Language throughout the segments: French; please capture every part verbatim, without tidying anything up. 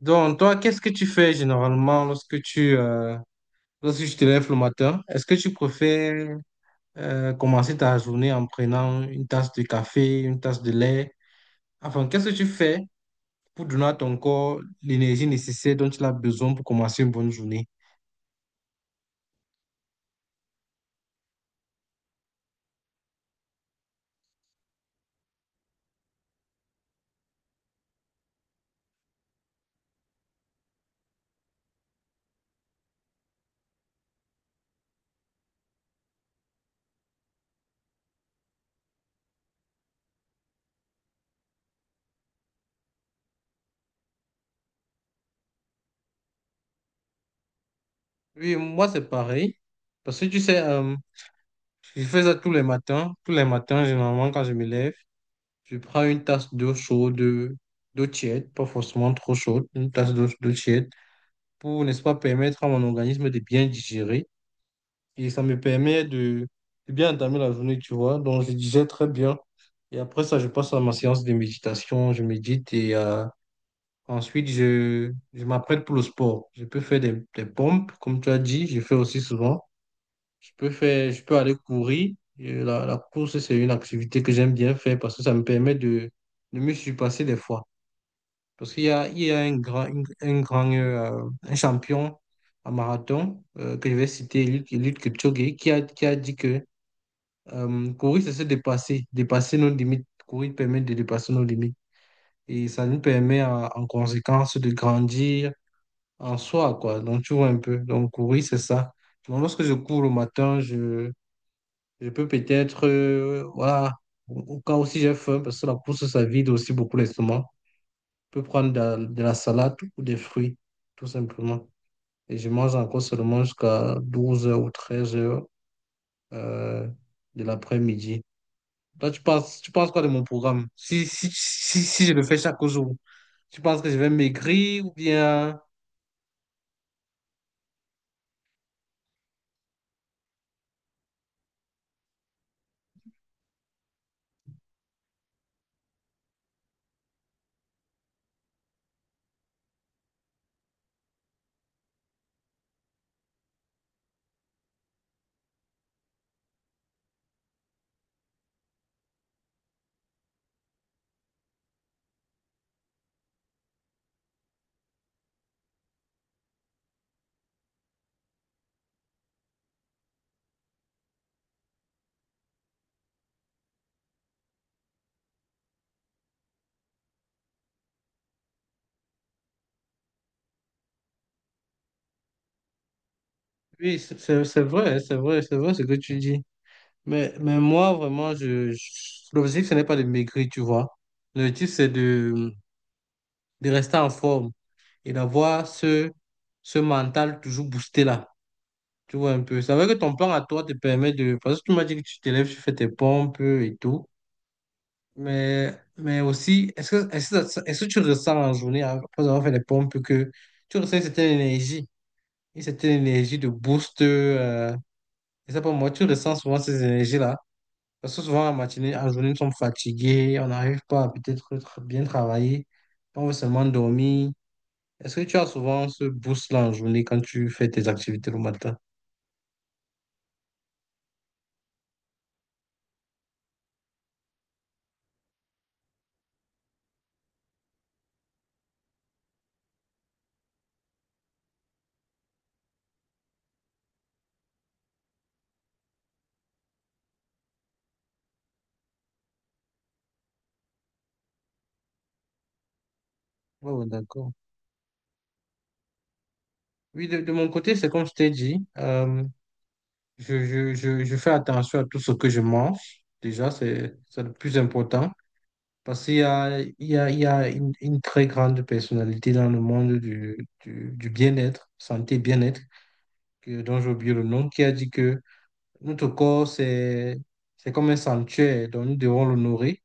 Donc, toi, qu'est-ce que tu fais généralement lorsque tu, euh, lorsque tu te lèves le matin? Est-ce que tu préfères euh, commencer ta journée en prenant une tasse de café, une tasse de lait? Enfin, qu'est-ce que tu fais pour donner à ton corps l'énergie nécessaire dont il a besoin pour commencer une bonne journée? Oui, moi, c'est pareil. Parce que tu sais, euh, je fais ça tous les matins. Tous les matins, généralement, quand je me lève, je prends une tasse d'eau chaude, d'eau tiède, pas forcément trop chaude, une tasse d'eau d'eau tiède, pour, n'est-ce pas, permettre à mon organisme de bien digérer. Et ça me permet de, de bien entamer la journée, tu vois. Donc, je digère très bien. Et après ça, je passe à ma séance de méditation, je médite et euh, ensuite, je, je m'apprête pour le sport. Je peux faire des, des pompes, comme tu as dit, je fais aussi souvent. Je peux faire, je peux aller courir. Et la, la course, c'est une activité que j'aime bien faire parce que ça me permet de, de me surpasser des fois. Parce qu'il y a, il y a un grand, une- un grand euh, un champion en marathon euh, que je vais citer, Eliud, Eliud Kipchoge, qui a, qui a dit que euh, courir, c'est se dépasser, dépasser nos limites. Courir permet de dépasser nos limites. Et ça nous permet en, en conséquence de grandir en soi, quoi. Donc, tu vois un peu. Donc, courir, c'est ça. Donc, lorsque je cours le matin, je, je peux peut-être, euh, voilà, au au cas où si j'ai faim, parce que la course, ça vide aussi beaucoup l'estomac, peux prendre de, la de la salade ou des fruits, tout simplement. Et je mange encore seulement jusqu'à douze heures ou treize heures de l'après-midi. Toi, tu penses, tu penses quoi de mon programme? Si, si, si, si je le fais chaque jour, tu penses que je vais maigrir ou bien... Oui, c'est c'est- c'est vrai, c'est vrai, c'est vrai ce que tu dis. Mais, mais moi, vraiment, je, je- l'objectif, ce n'est pas de maigrir, tu vois. L'objectif, c'est de, de rester en forme et d'avoir ce, ce mental toujours boosté là. Tu vois un peu. C'est vrai que ton plan à toi te permet de. Parce que tu m'as dit que tu t'élèves, tu fais tes pompes et tout. Mais, mais aussi, est-ce que, est-ce que, ça- est-ce que tu ressens en journée, hein, après avoir fait les pompes, que tu ressens une certaine énergie, une certaine énergie de boost euh, et ça, pour moi, tu ressens souvent ces énergies-là. Parce que souvent, en matinée, en journée, nous sommes fatigués, on n'arrive pas à peut-être tra- bien travailler. On veut seulement dormir. Est-ce que tu as souvent ce boost-là en journée quand tu fais tes activités le matin? Ouais, ouais, d'accord. Oui, de, de mon côté, c'est comme je t'ai dit, euh, je, je, je, je fais attention à tout ce que je mange. Déjà, c'est c'est le plus important. Parce qu'il y a, il y a, il y a une, une très grande personnalité dans le monde du, du, du bien-être, santé, bien-être, que- dont j'ai oublié le nom, qui a dit que notre corps, c'est, c'est comme un sanctuaire, donc nous devons l'honorer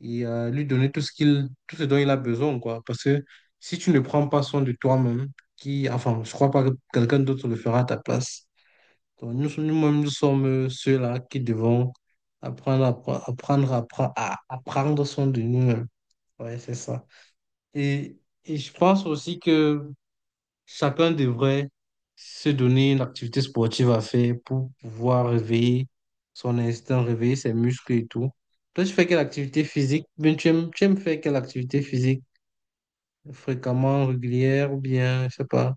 et euh, lui donner tout ce qu'il, tout ce dont il a besoin, quoi. Parce que si tu ne prends pas soin de toi-même, qui, enfin, je crois pas que quelqu'un d'autre le fera à ta place. Donc nous, nous-mêmes, nous sommes ceux-là qui devons apprendre, à pre- apprendre, à, pre- à, à prendre soin de nous-mêmes. Ouais, c'est ça. Et, et je pense aussi que chacun devrait se donner une activité sportive à faire pour pouvoir réveiller son instinct, réveiller ses muscles et tout. Toi, tu fais quelle activité physique? Ben tu aimes, tu aimes faire quelle activité physique? Fréquemment, régulière ou bien, je sais pas.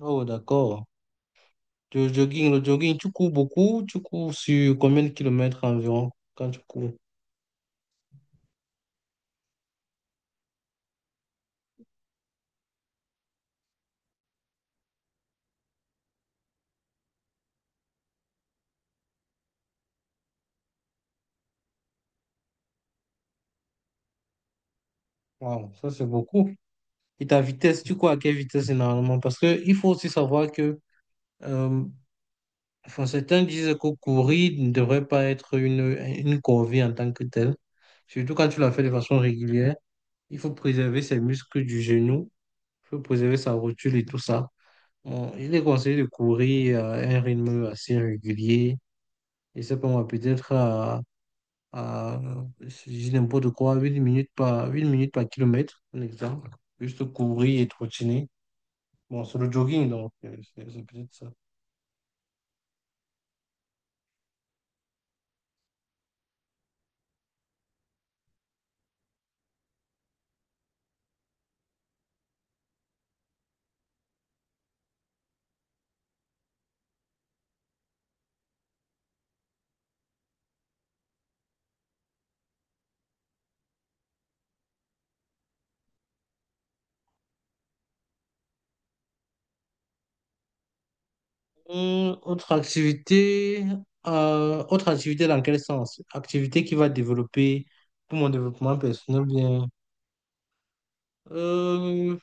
Oh, d'accord. Le jogging, le jogging, tu cours beaucoup? Tu cours sur combien de kilomètres environ quand tu cours? Wow, ça c'est beaucoup. Et ta vitesse, tu cours à quelle vitesse généralement? Parce que il faut aussi savoir que euh, enfin, certains disent que courir ne devrait pas être une, une corvée en tant que telle, surtout quand tu la fais de façon régulière. Il faut préserver ses muscles du genou, il faut préserver sa rotule et tout ça. Bon, il est conseillé de courir à un rythme assez régulier, et ça peut moi, peut-être à, à, je dis n'importe quoi, huit minutes par, huit minutes par kilomètre, un exemple. Juste courir et trottiner. Bon, c'est le jogging, donc euh, c'est c'est peut-être ça. Hum, autre activité, euh, autre activité dans quel sens? Activité qui va développer pour mon développement personnel, bien. Euh,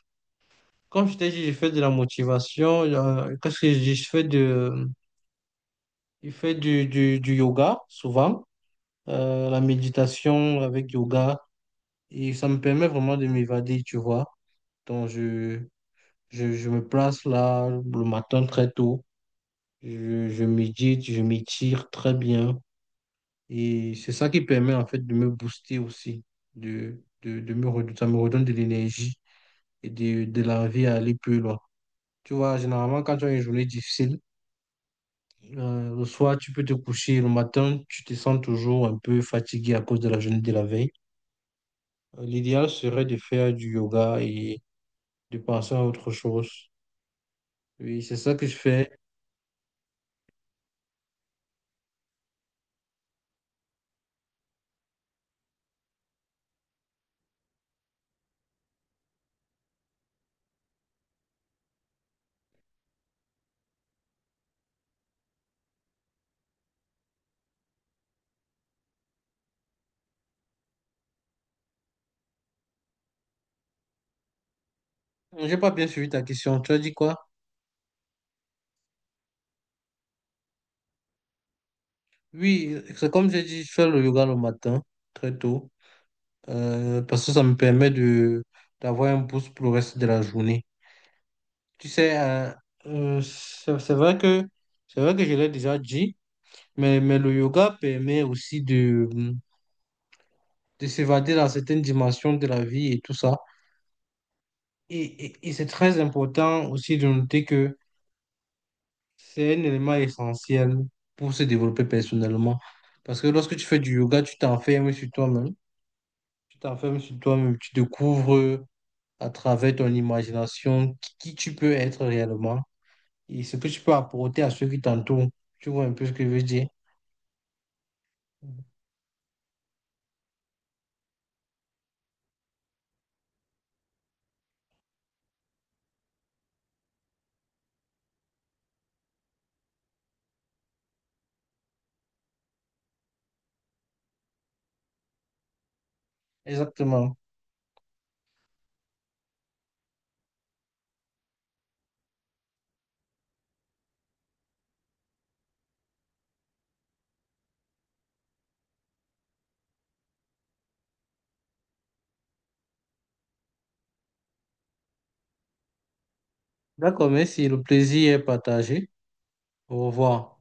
comme je t'ai dit, je fais de la motivation. Euh, qu'est-ce que je dis? Je fais de, je fais du, du, du yoga souvent, euh, la méditation avec yoga, et ça me permet vraiment de m'évader, tu vois. Donc, je, je, je me place là le matin très tôt, je, je médite, je m'étire très bien. Et c'est ça qui permet en fait de me booster aussi, de, de, de me redonner, ça me redonne de l'énergie et de, de l'envie à aller plus loin. Tu vois, généralement, quand tu as une journée difficile, euh, le soir, tu peux te coucher, le matin, tu te sens toujours un peu fatigué à cause de la journée de la veille. Euh, L'idéal serait de faire du yoga et de penser à autre chose. Oui, c'est ça que je fais. J'ai pas bien suivi ta question. Tu as dit quoi? Oui, c'est comme j'ai dit, je fais le yoga le matin, très tôt, euh, parce que ça me permet de d'avoir un boost pour le reste de la journée. Tu sais, euh, euh, c'est c'est vrai que c'est vrai que je l'ai déjà dit, mais, mais le yoga permet aussi de, de s'évader dans certaines dimensions de la vie et tout ça. Et, et, et c'est très important aussi de noter que c'est un élément essentiel pour se développer personnellement. Parce que lorsque tu fais du yoga, tu t'enfermes sur toi-même. Tu t'enfermes sur toi-même, tu découvres à travers ton imagination qui qui tu peux être réellement et ce que tu peux apporter à ceux qui t'entourent. Tu vois un peu ce que je veux dire? Mhm. Exactement. D'accord, merci. Le plaisir est partagé. Au revoir.